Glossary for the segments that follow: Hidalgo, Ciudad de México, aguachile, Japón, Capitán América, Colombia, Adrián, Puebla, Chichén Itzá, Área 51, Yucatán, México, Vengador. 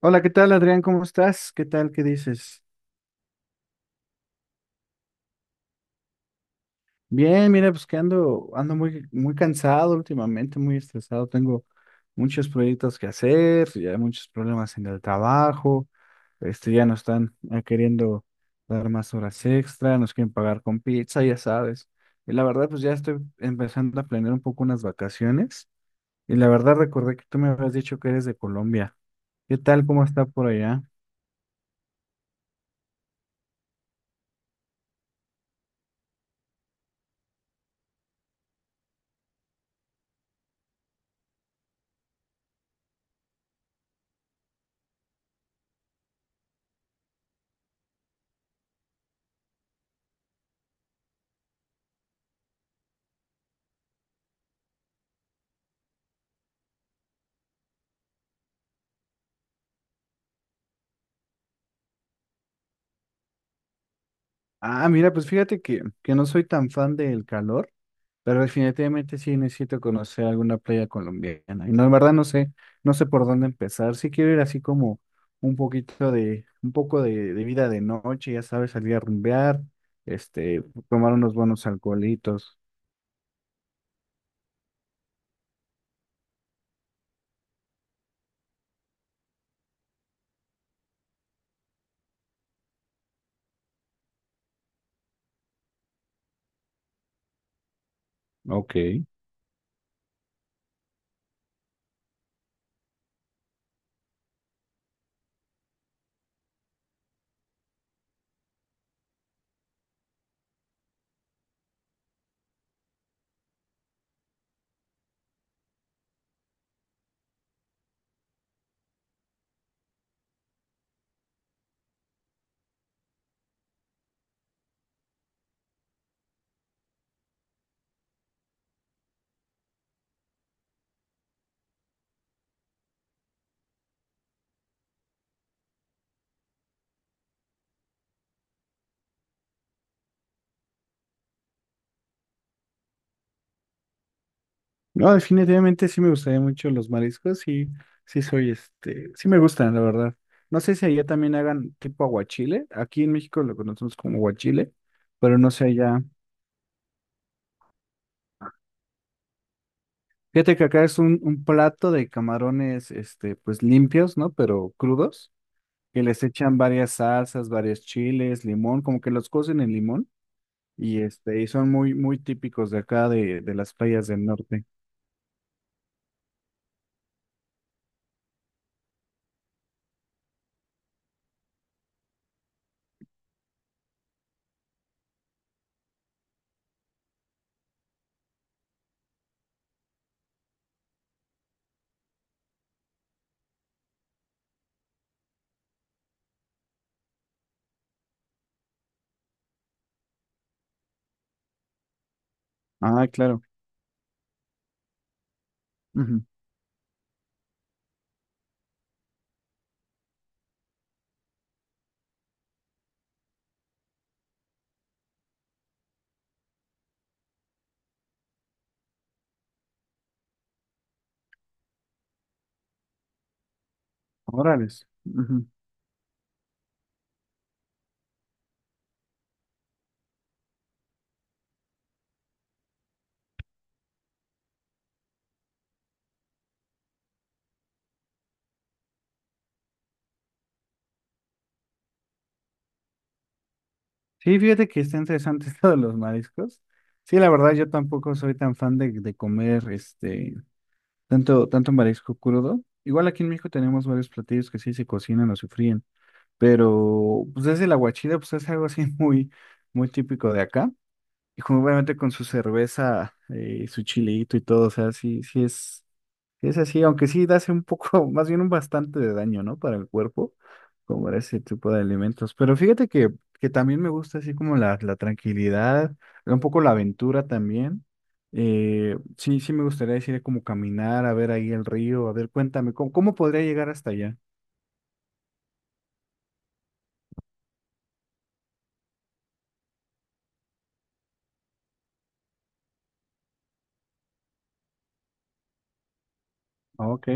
Hola, ¿qué tal, Adrián? ¿Cómo estás? ¿Qué tal? ¿Qué dices? Bien, mira, pues que ando muy, muy cansado últimamente, muy estresado. Tengo muchos proyectos que hacer, ya hay muchos problemas en el trabajo. Este, ya nos están queriendo dar más horas extra, nos quieren pagar con pizza, ya sabes. Y la verdad, pues ya estoy empezando a planear un poco unas vacaciones. Y la verdad, recordé que tú me habías dicho que eres de Colombia. ¿Qué tal? ¿Cómo está por allá? Ah, mira, pues fíjate que no soy tan fan del calor. Pero definitivamente sí necesito conocer alguna playa colombiana. Y no, en verdad no sé, no sé por dónde empezar. Sí quiero ir así como un poco de vida de noche, ya sabes, salir a rumbear, este, tomar unos buenos alcoholitos. Ok. No, definitivamente sí me gustaría mucho los mariscos y sí soy este, sí me gustan, la verdad. No sé si allá también hagan tipo aguachile. Aquí en México lo conocemos como aguachile, pero no sé allá. Fíjate que acá es un plato de camarones, este, pues limpios, ¿no? Pero crudos, que les echan varias salsas, varios chiles, limón, como que los cocen en limón y este, y son muy, muy típicos de acá de las playas del norte. Ah, claro. Ujú. Órales. Ujú. Sí, fíjate que está interesante esto de los mariscos. Sí, la verdad, yo tampoco soy tan fan de comer este tanto marisco crudo. Igual aquí en México tenemos varios platillos que sí se cocinan o se fríen. Pero pues es el aguachile, pues es algo así muy, muy típico de acá. Y como obviamente con su cerveza, su chilito y todo, o sea, sí, sí es así, aunque sí hace un poco, más bien un bastante de daño, ¿no? Para el cuerpo, comer ese tipo de alimentos. Pero fíjate que también me gusta así como la tranquilidad, un poco la aventura también. Sí, sí me gustaría decir como caminar, a ver ahí el río, a ver, cuéntame, ¿cómo, cómo podría llegar hasta allá? Ah, ok.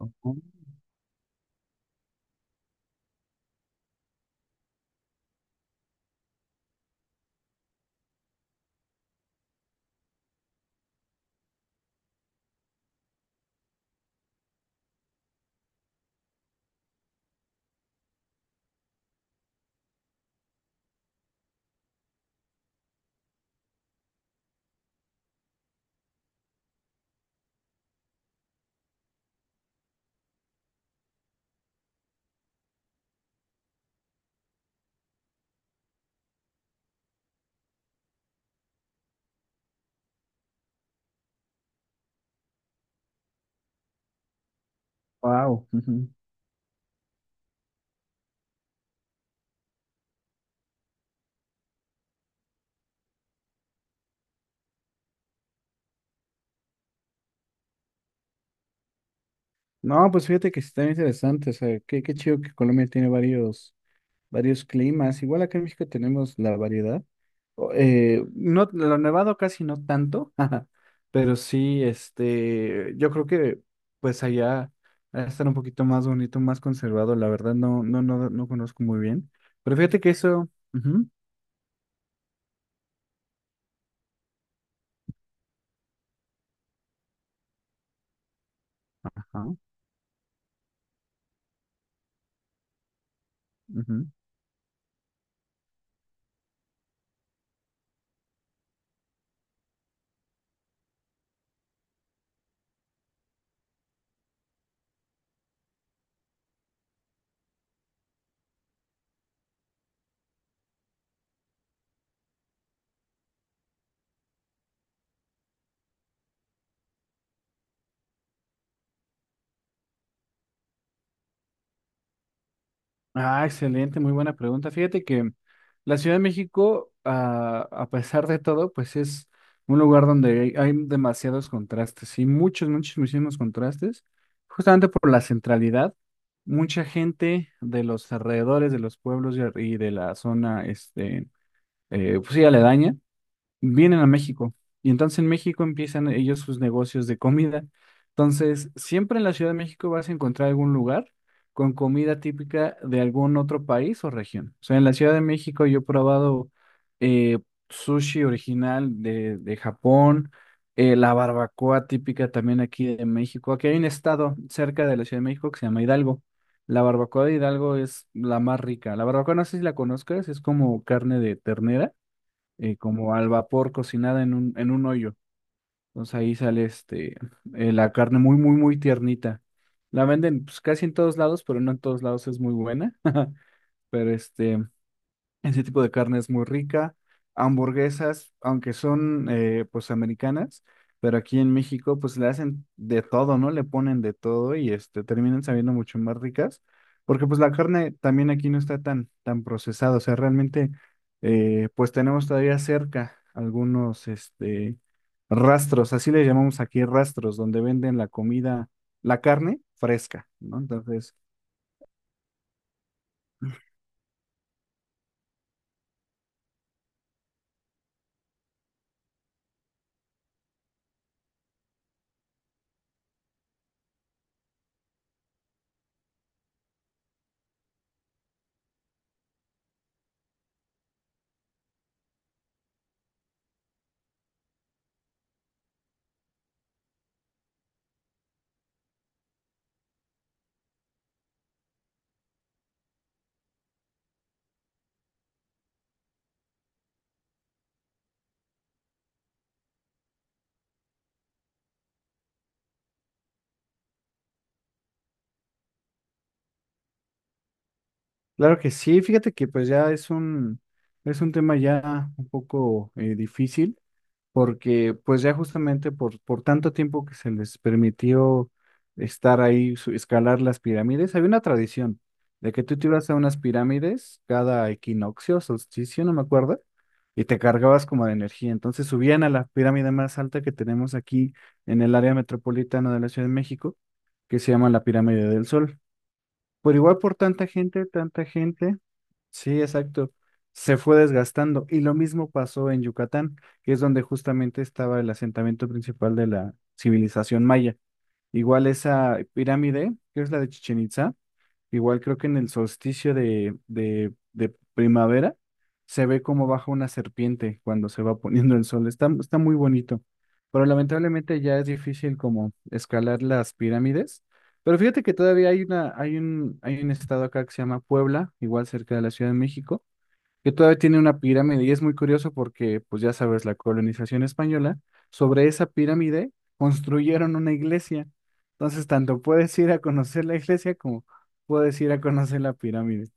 Ujú. Wow. No, pues fíjate que sí está interesante, o sea, qué, qué chido que Colombia tiene varios, varios climas. Igual acá en México tenemos la variedad. No, lo nevado casi no tanto, ajá, pero sí, este, yo creo que pues allá va a estar un poquito más bonito, más conservado, la verdad no conozco muy bien. Pero fíjate que eso, ujú, ajá, ujú. Ah, excelente, muy buena pregunta. Fíjate que la Ciudad de México, ah, a pesar de todo, pues es un lugar donde hay demasiados contrastes, y muchísimos contrastes, justamente por la centralidad. Mucha gente de los alrededores, de los pueblos y de la zona, este, pues sí, aledaña, vienen a México y entonces en México empiezan ellos sus negocios de comida. Entonces, siempre en la Ciudad de México vas a encontrar algún lugar con comida típica de algún otro país o región. O sea, en la Ciudad de México yo he probado eh, sushi original de Japón, la barbacoa típica también aquí de México. Aquí hay un estado cerca de la Ciudad de México que se llama Hidalgo. La barbacoa de Hidalgo es la más rica. La barbacoa no sé si la conozcas, es como carne de ternera como al vapor cocinada en un hoyo. Entonces ahí sale este, la carne muy, muy, muy tiernita. La venden pues, casi en todos lados, pero no en todos lados es muy buena. Pero este, ese tipo de carne es muy rica. Hamburguesas, aunque son pues americanas, pero aquí en México pues le hacen de todo, ¿no? Le ponen de todo y este terminan sabiendo mucho más ricas, porque pues la carne también aquí no está tan tan procesada, o sea, realmente pues tenemos todavía cerca algunos este rastros, así le llamamos aquí rastros, donde venden la comida, la carne fresca, ¿no? Entonces claro que sí, fíjate que pues es un tema ya un poco difícil, porque pues ya justamente por tanto tiempo que se les permitió estar ahí, escalar las pirámides, había una tradición de que tú te ibas a unas pirámides cada equinoccio, solsticio, no me acuerdo, y te cargabas como de energía. Entonces subían a la pirámide más alta que tenemos aquí en el área metropolitana de la Ciudad de México, que se llama la Pirámide del Sol. Por igual por tanta gente. Sí, exacto. Se fue desgastando. Y lo mismo pasó en Yucatán, que es donde justamente estaba el asentamiento principal de la civilización maya. Igual esa pirámide, que es la de Chichén Itzá, igual creo que en el solsticio de primavera se ve cómo baja una serpiente cuando se va poniendo el sol. Está muy bonito, pero lamentablemente ya es difícil como escalar las pirámides. Pero fíjate que todavía hay un estado acá que se llama Puebla, igual cerca de la Ciudad de México, que todavía tiene una pirámide y es muy curioso porque, pues ya sabes, la colonización española, sobre esa pirámide construyeron una iglesia. Entonces, tanto puedes ir a conocer la iglesia como puedes ir a conocer la pirámide.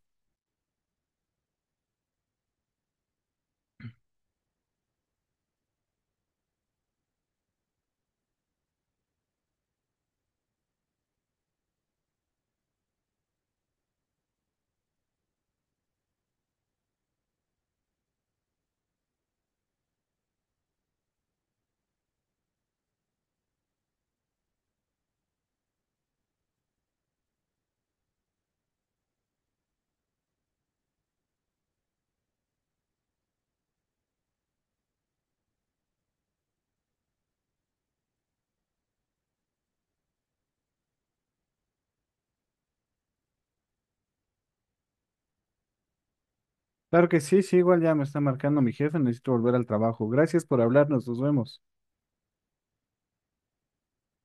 Claro que sí, sí, igual ya me está marcando mi jefe, necesito volver al trabajo. Gracias por hablarnos, nos vemos.